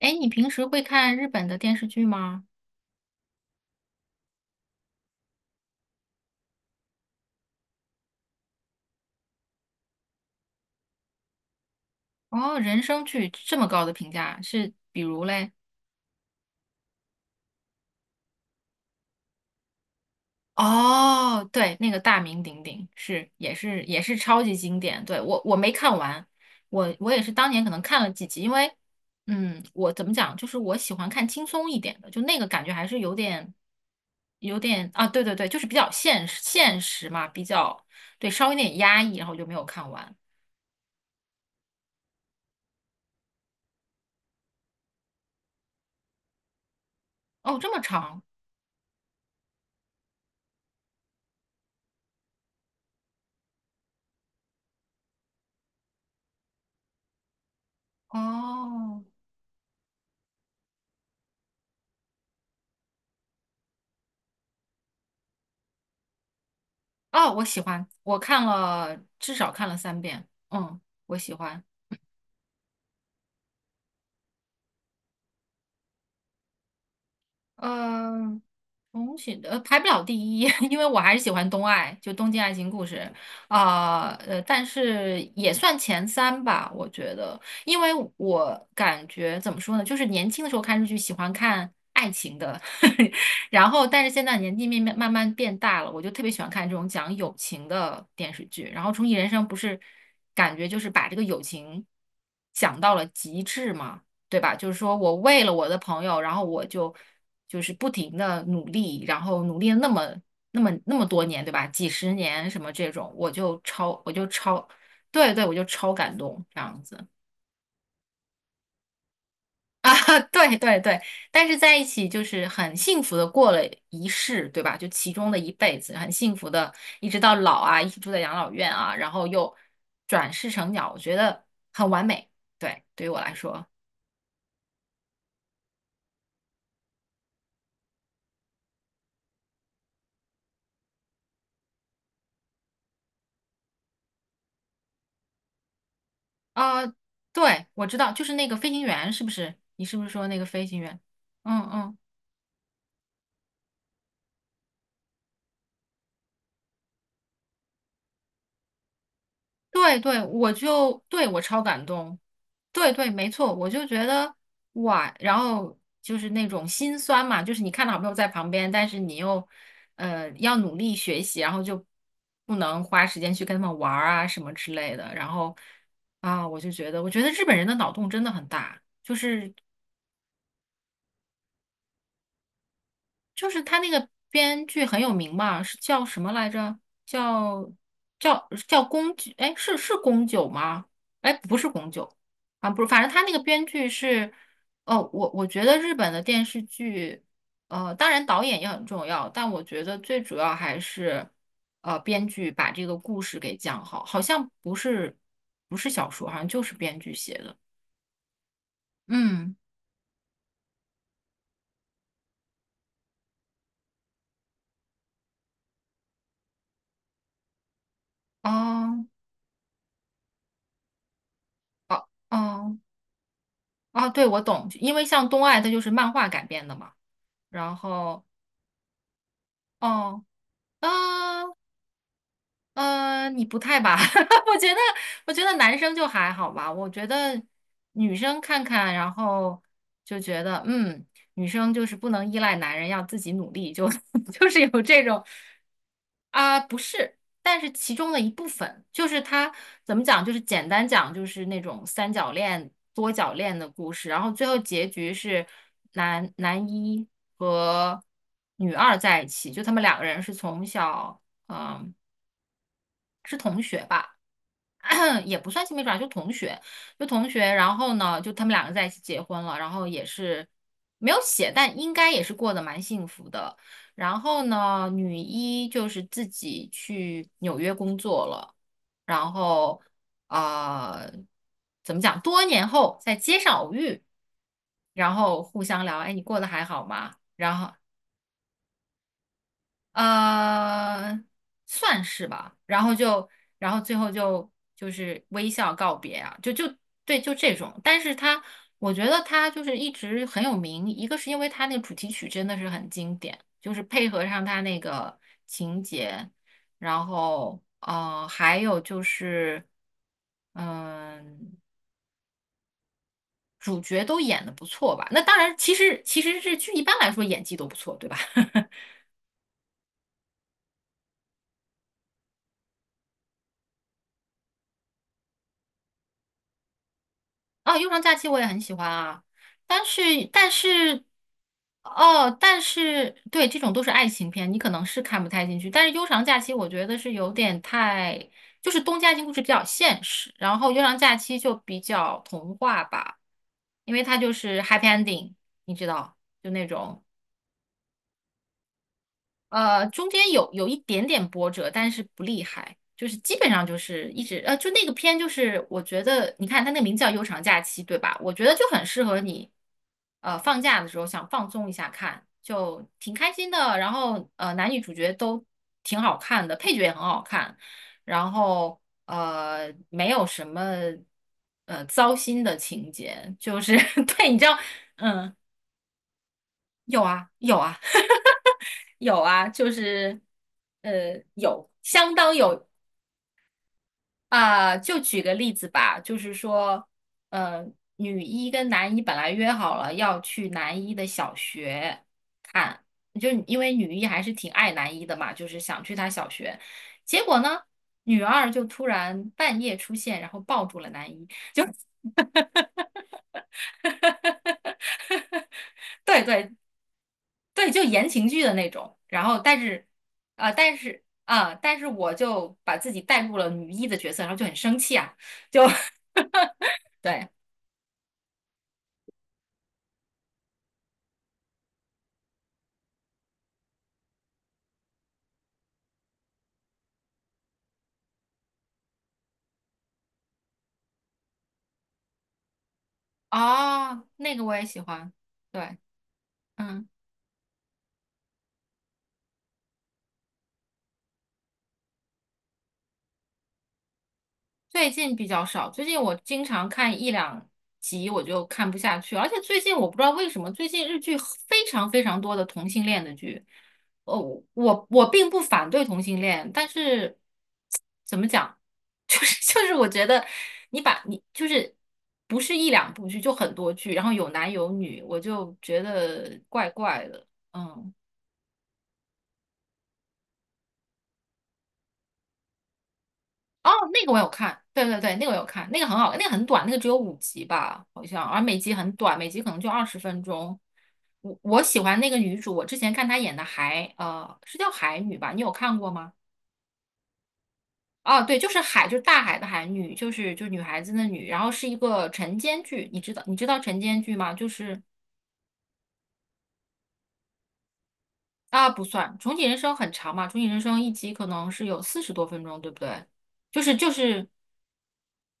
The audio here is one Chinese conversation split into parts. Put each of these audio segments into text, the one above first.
哎，你平时会看日本的电视剧吗？哦，人生剧这么高的评价，是比如嘞？哦，对，那个大名鼎鼎，也是超级经典。对，我没看完，我也是当年可能看了几集，因为我怎么讲，就是我喜欢看轻松一点的，就那个感觉还是有点啊，对对对，就是比较现实现实嘛，比较对，稍微有点压抑，然后就没有看完。哦，这么长哦。哦，我喜欢，我看了至少看了三遍，嗯，我喜欢。嗯，重启的排不了第一，因为我还是喜欢东爱，就《东京爱情故事》啊，但是也算前三吧，我觉得，因为我感觉怎么说呢，就是年轻的时候看日剧喜欢看爱情的，然后但是现在年纪慢慢慢慢变大了，我就特别喜欢看这种讲友情的电视剧，然后《重启人生》不是感觉就是把这个友情讲到了极致嘛。对吧？就是说我为了我的朋友，然后我就是不停的努力，然后努力了那么多年，对吧？几十年什么这种，我就超，对对，我就超感动这样子啊，对对对，但是在一起就是很幸福的过了一世，对吧？就其中的一辈子，很幸福的，一直到老啊，一起住在养老院啊，然后又转世成鸟，我觉得很完美。对，对于我来说，啊、对，我知道，就是那个飞行员，是不是？你是不是说那个飞行员？嗯嗯。对对，我超感动，对对，没错，我就觉得哇，然后就是那种心酸嘛，就是你看到好朋友在旁边，但是你又要努力学习，然后就不能花时间去跟他们玩儿啊什么之类的，然后啊，我觉得日本人的脑洞真的很大，就是他那个编剧很有名嘛，是叫什么来着？叫叫宫九，哎，是宫九吗？哎，不是宫九啊，不是，反正他那个编剧是，哦，我觉得日本的电视剧，当然导演也很重要，但我觉得最主要还是，编剧把这个故事给讲好，好像不是小说，好像就是编剧写的，嗯，哦。哦哦，啊，对，我懂，因为像东爱它就是漫画改编的嘛。然后，哦，啊，你不太吧？我觉得，我觉得男生就还好吧。我觉得女生看看，然后就觉得，女生就是不能依赖男人，要自己努力，就 就是有这种啊，不是，但是其中的一部分，就是他怎么讲，就是简单讲，就是那种三角恋、多角恋的故事，然后最后结局是男一和女二在一起，就他们两个人是从小。嗯，是同学吧，也不算青梅竹马，就同学。然后呢，就他们两个在一起结婚了，然后也是没有写，但应该也是过得蛮幸福的。然后呢，女一就是自己去纽约工作了，然后啊，怎么讲？多年后在街上偶遇，然后互相聊，哎，你过得还好吗？然后呃，算是吧。然后就，然后最后就是微笑告别啊，就对，就这种。但是他，我觉得他就是一直很有名，一个是因为他那个主题曲真的是很经典，就是配合上他那个情节，然后还有就是，嗯、主角都演的不错吧。那当然，其实日剧一般来说演技都不错，对吧？哦，啊《悠长假期》我也很喜欢啊，但是，哦，但是对，这种都是爱情片，你可能是看不太进去。但是《悠长假期》我觉得是有点太，就是东家庭故事比较现实，然后《悠长假期》就比较童话吧，因为它就是 happy ending，你知道，就那种。中间有一点点波折，但是不厉害，就是基本上就是一直就那个片就是我觉得，你看它那个名字叫《悠长假期》，对吧？我觉得就很适合你，放假的时候想放松一下看，就挺开心的。然后男女主角都挺好看的，配角也很好看，然后没有什么糟心的情节，就是 对，你知道，嗯。有啊，有啊，有啊，就是有相当有啊、就举个例子吧，就是说，呃，女一跟男一本来约好了要去男一的小学看，就因为女一还是挺爱男一的嘛，就是想去他小学，结果呢，女二就突然半夜出现，然后抱住了男一。对对，对，就言情剧的那种。然后，但是，但是我就把自己带入了女一的角色，然后就很生气啊，就 对，哦，那个我也喜欢，对，嗯。最近比较少，最近我经常看一两集我就看不下去，而且最近我不知道为什么，最近日剧非常非常多的同性恋的剧。呃，我并不反对同性恋，但是怎么讲，就是我觉得你就是不是一两部剧，就很多剧，然后有男有女，我就觉得怪怪的，嗯。哦，那个我有看，对对对，那个我有看，那个很好，那个很短，那个只有五集吧，好像，而每集很短，每集可能就二十分钟。我喜欢那个女主，我之前看她演的海，是叫海女吧？你有看过吗？哦，对，就是海，就是大海的海女，就是女孩子的女，然后是一个晨间剧，你知道晨间剧吗？就是啊，不算，重启人生很长嘛，重启人生一集可能是有四十多分钟，对不对？就是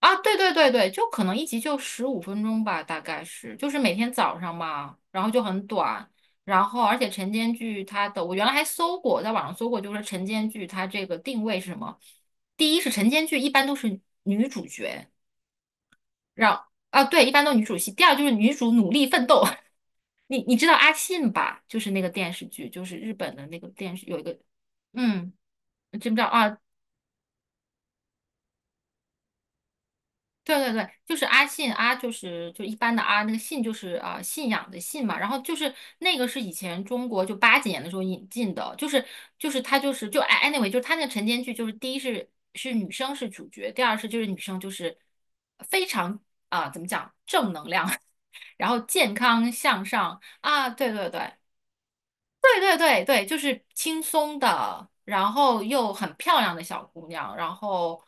啊，对对对对，就可能一集就十五分钟吧，大概是，就是每天早上嘛，然后就很短，然后而且晨间剧它的，我原来还搜过，在网上搜过，就是晨间剧它这个定位是什么？第一是晨间剧一般都是女主角，让啊对，一般都女主戏，第二就是女主努力奋斗，你知道阿信吧？就是那个电视剧，就是日本的那个电视有一个，嗯，知不知道啊？对对对，就是阿信，阿就是一般的阿，那个信就是啊、信仰的信嘛，然后就是那个是以前中国就八几年的时候引进的，就是他就是就哎 anyway，就是他那个晨间剧，就是第一是女生是主角，第二就是女生就是非常啊、怎么讲正能量，然后健康向上啊，对对对，对对对对，就是轻松的，然后又很漂亮的小姑娘，然后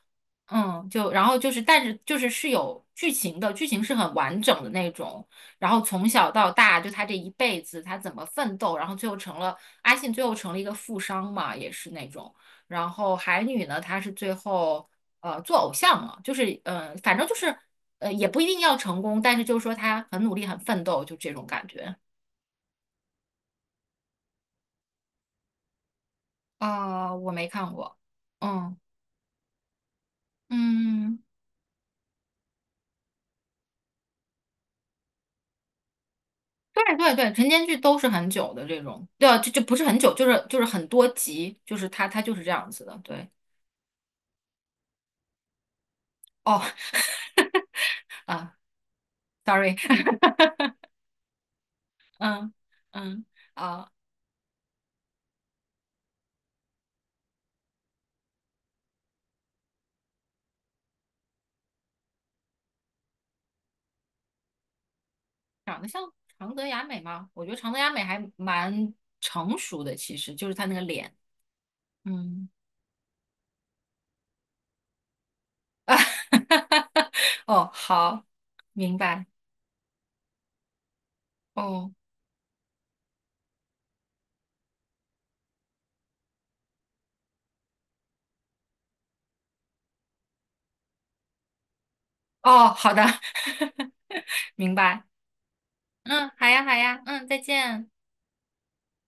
就然后就是，但是是有剧情的，剧情是很完整的那种。然后从小到大，就她这一辈子，她怎么奋斗，然后最后成了阿信，最后成了一个富商嘛，也是那种。然后海女呢，她是最后做偶像了，就是反正就是也不一定要成功，但是就是说她很努力，很奋斗，就这种感觉。啊、我没看过。嗯嗯，对对对，晨间剧都是很久的这种，对啊，就不是很久，就是很多集，就是它就是这样子的。对，哦啊，sorry，嗯嗯啊，长得像长泽雅美吗？我觉得长泽雅美还蛮成熟的，其实就是她那个脸，嗯啊，哦好，明白，哦哦好的，明白，嗯，好呀好呀，嗯，再见。